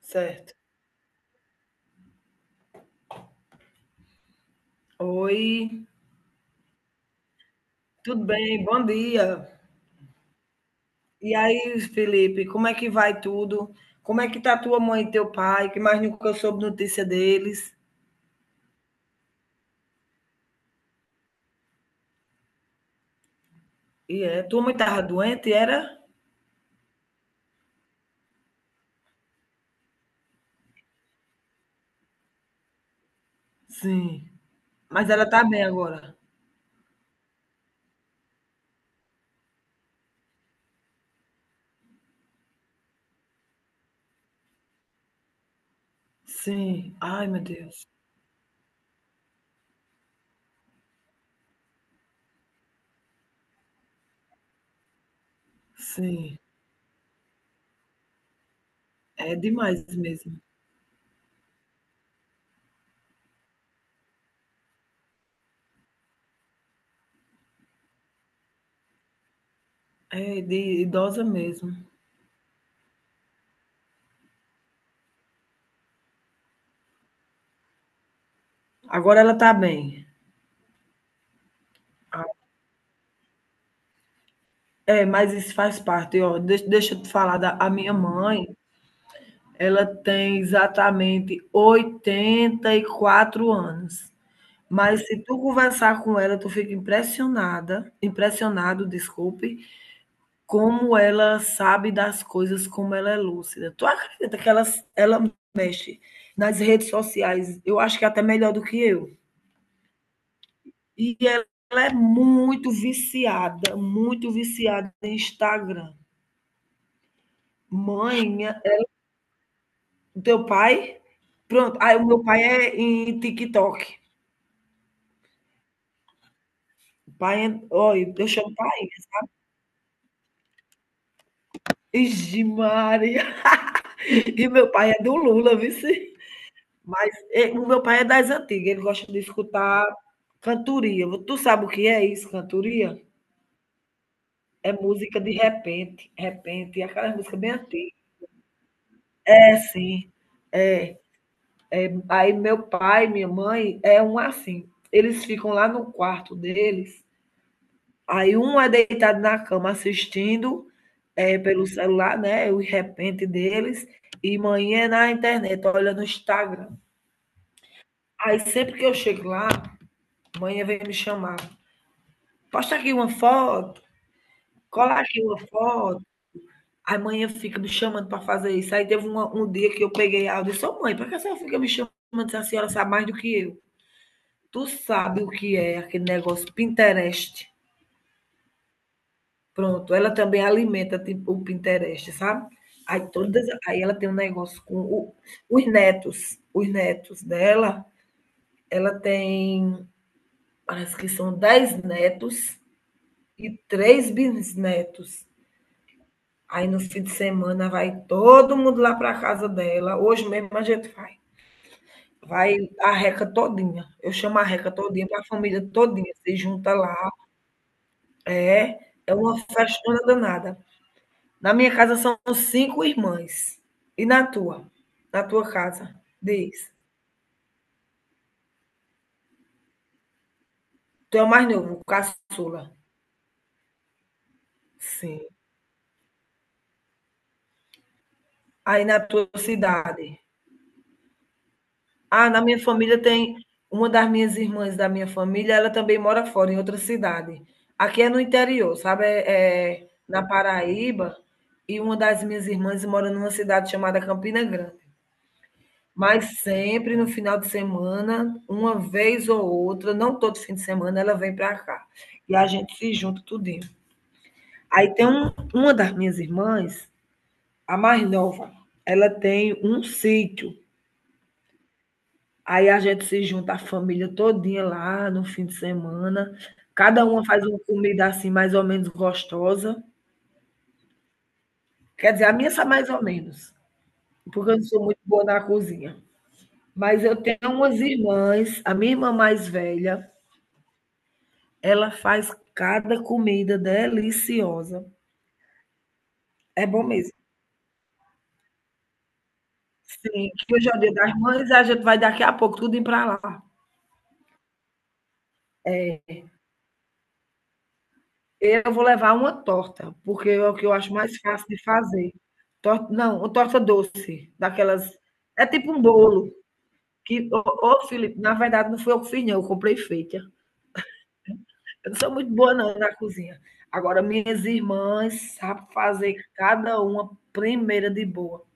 Certo. Oi, tudo bem? Bom dia. E aí, Felipe, como é que vai tudo? Como é que tá tua mãe e teu pai? Que mais nunca eu soube notícia deles. E é, tua mãe tava doente, era? Sim. Mas ela tá bem agora? Sim. Ai, meu Deus. Sim. É demais mesmo. É de idosa mesmo. Agora ela tá bem. É, mas isso faz parte, ó. Deixa eu te falar da a minha mãe. Ela tem exatamente 84 anos. Mas se tu conversar com ela, tu fica impressionada, impressionado, desculpe, como ela sabe das coisas, como ela é lúcida. Tu acredita que ela mexe nas redes sociais, eu acho que até melhor do que eu. E ela é muito viciada em Instagram. Mãe, minha- Teu pai? Pronto, aí o meu pai é em TikTok. O pai é, olha, eu chamo pai. Ixi, Maria. E meu pai é do Lula, viu, vice. Mas e o meu pai é das antigas, ele gosta de escutar cantoria. Tu sabe o que é isso, cantoria? É música de repente, repente, e aquela música bem antiga. É, sim, é. Aí meu pai, minha mãe, é um assim, eles ficam lá no quarto deles. Aí um é deitado na cama assistindo, eh, pelo celular, né, o repente deles, e manhã na internet, olhando no Instagram. Aí sempre que eu chego lá, manhã vem me chamar. Posta aqui uma foto, cola aqui uma foto. Aí manhã fica me chamando para fazer isso. Aí teve um dia que eu peguei áudio e disse, ô mãe, por que a senhora fica me chamando se a senhora sabe mais do que eu? Tu sabe o que é aquele negócio Pinterest? Pronto, ela também alimenta tipo o Pinterest, sabe. Aí todas, aí ela tem um negócio com o os netos dela, ela tem parece que são 10 netos e 3 bisnetos. Aí no fim de semana vai todo mundo lá pra casa dela, hoje mesmo a gente vai. Vai a reca todinha, eu chamo a reca todinha, vai a família todinha, se junta lá. É, é uma festona danada. Na minha casa são cinco irmãs. E na tua? Na tua casa? Diz. Tu é o mais novo, caçula. Sim. Aí na tua cidade? Ah, na minha família tem uma das minhas irmãs da minha família, ela também mora fora, em outra cidade. Aqui é no interior, sabe? É, é na Paraíba. E uma das minhas irmãs mora numa cidade chamada Campina Grande. Mas sempre no final de semana, uma vez ou outra, não todo fim de semana, ela vem para cá. E a gente se junta tudinho. Aí tem um, uma das minhas irmãs, a mais nova, ela tem um sítio. Aí a gente se junta a família todinha lá no fim de semana. Cada uma faz uma comida assim mais ou menos gostosa. Quer dizer, a minha sai mais ou menos, porque eu não sou muito boa na cozinha. Mas eu tenho umas irmãs, a minha irmã mais velha, ela faz cada comida deliciosa. É bom mesmo. Sim, que hoje é o Dia das Mães, a gente vai daqui a pouco tudo tudinho para lá. É, eu vou levar uma torta, porque é o que eu acho mais fácil de fazer. Torta não, uma torta doce, daquelas, é tipo um bolo que, ô, ô, Felipe, na verdade não fui eu que fiz não, eu comprei feita. Eu não sou muito boa não na cozinha. Agora minhas irmãs sabem fazer cada uma primeira de boa.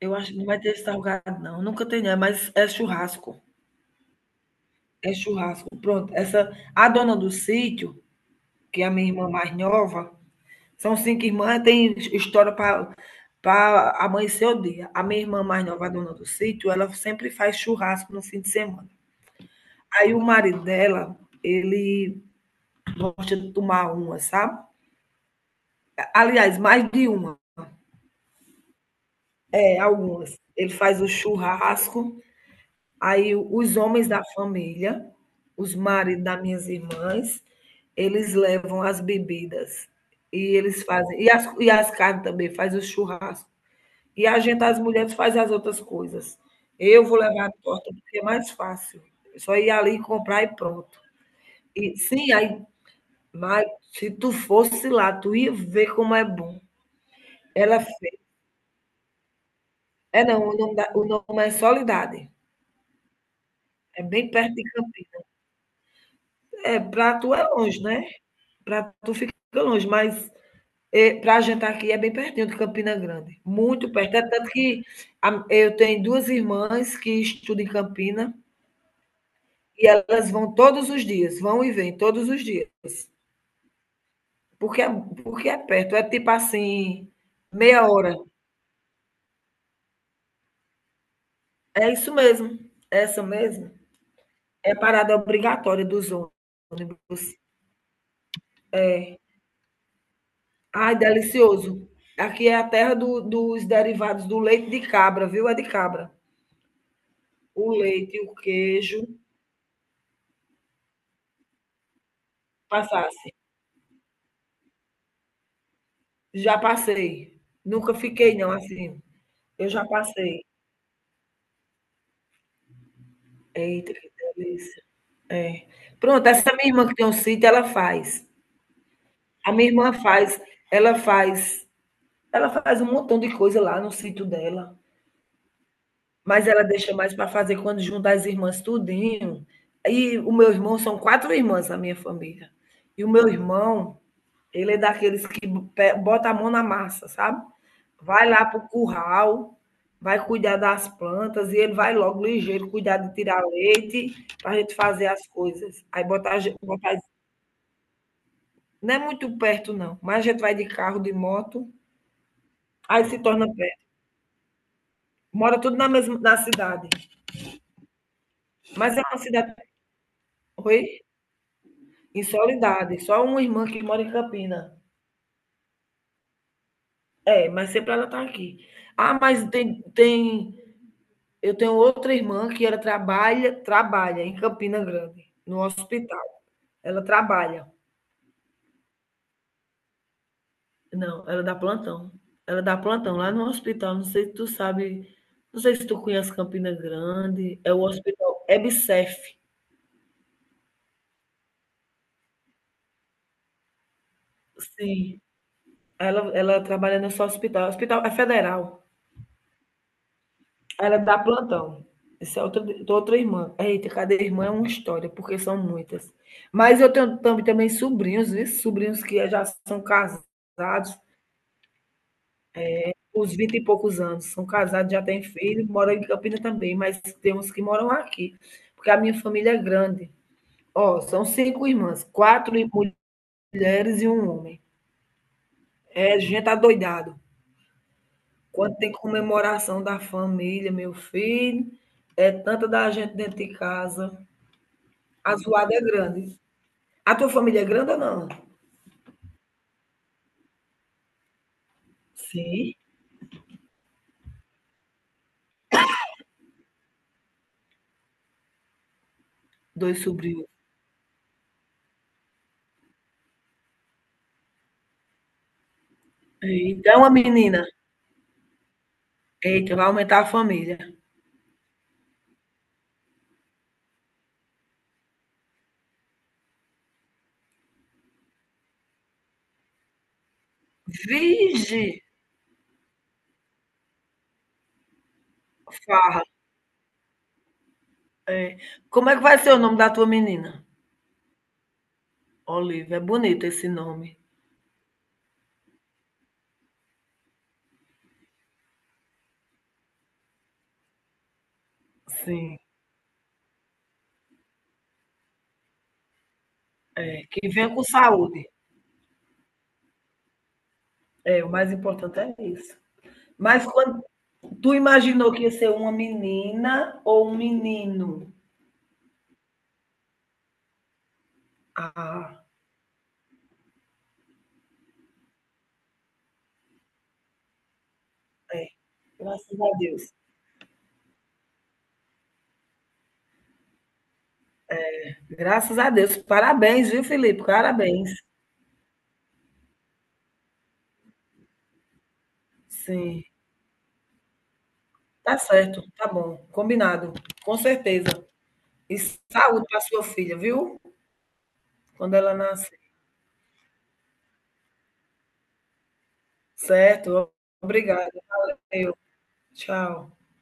Eu acho que não vai ter esse salgado, não. Nunca tem, né? Mas é churrasco. É churrasco. Pronto. Essa, a dona do sítio, que é a minha irmã mais nova, são cinco irmãs, tem história para para amanhecer o dia. A minha irmã mais nova, a dona do sítio, ela sempre faz churrasco no fim de semana. Aí o marido dela, ele gosta de tomar uma, sabe? Aliás, mais de uma. É, algumas. Ele faz o churrasco. Aí os homens da família, os maridos das minhas irmãs, eles levam as bebidas e eles fazem, e as carnes também, faz o churrasco. E a gente, as mulheres, faz as outras coisas. Eu vou levar a torta porque é mais fácil. É só ir ali comprar e pronto. E sim, aí, mas se tu fosse lá, tu ia ver como é bom. Ela fez. É não, o nome, o nome é Solidade. É bem perto de Campinas. É, pra tu é longe, né? Para tu fica longe, mas é, para a gente aqui é bem pertinho de Campina Grande, muito perto. É tanto que eu tenho duas irmãs que estudam em Campina e elas vão todos os dias, vão e vêm todos os dias, porque é, porque é perto, é tipo assim, meia hora. É isso mesmo, é essa mesmo. É parada obrigatória dos ônibus. É. Ai, delicioso. Aqui é a terra dos derivados do leite de cabra, viu? É de cabra. O leite e o queijo passasse. Já passei. Nunca fiquei, não, assim. Eu já passei. Eita, que delícia. É. Pronto, essa minha irmã que tem um sítio, ela faz. A minha irmã faz, ela faz, ela faz um montão de coisa lá no sítio dela, mas ela deixa mais para fazer quando juntar as irmãs tudinho. E o meu irmão, são quatro irmãs na minha família. E o meu irmão, ele é daqueles que bota a mão na massa, sabe? Vai lá pro curral, vai cuidar das plantas e ele vai logo ligeiro cuidar de tirar leite para a gente fazer as coisas. Aí botar, botar, não é muito perto não, mas a gente vai de carro, de moto, aí se torna perto. Mora tudo na mesma na cidade, mas é uma cidade, oi, em Solidade, só uma irmã que mora em Campina. É, mas sempre ela tá aqui. Ah, mas tem eu tenho outra irmã que ela trabalha em Campina Grande, no hospital. Ela trabalha. Não, ela dá plantão. Ela dá plantão lá no hospital, não sei se tu sabe, não sei se tu conhece Campina Grande, é o hospital EBSERH. Sim, ela trabalha nesse hospital, hospital é federal. Ela dá plantão. Essa é outra irmã. Eita, cada irmã é uma história, porque são muitas. Mas eu tenho também sobrinhos, viu, sobrinhos que já são casados, uns 20 e poucos anos. São casados, já têm filho, moram em Campinas também, mas tem uns que moram aqui, porque a minha família é grande. Ó, são cinco irmãs, quatro mulheres e um homem. É gente adoidado. Quando tem comemoração da família, meu filho, é tanta da gente dentro de casa. A zoada é grande. A tua família é grande ou não? Sim, dois sobrinhos. Eita, uma menina. Eita, vai aumentar a família. Vige, farra. Como é que vai ser o nome da tua menina? Olivia, é bonito esse nome. Sim. É, que venha com saúde. É, o mais importante é isso. Mas quando tu imaginou que ia ser uma menina ou um menino? Ah, é, graças a Deus. Graças a Deus. Parabéns, viu, Felipe? Parabéns. Sim. Tá certo, tá bom, combinado, com certeza. E saúde para sua filha, viu? Quando ela nascer. Certo. Obrigada. Valeu. Tchau.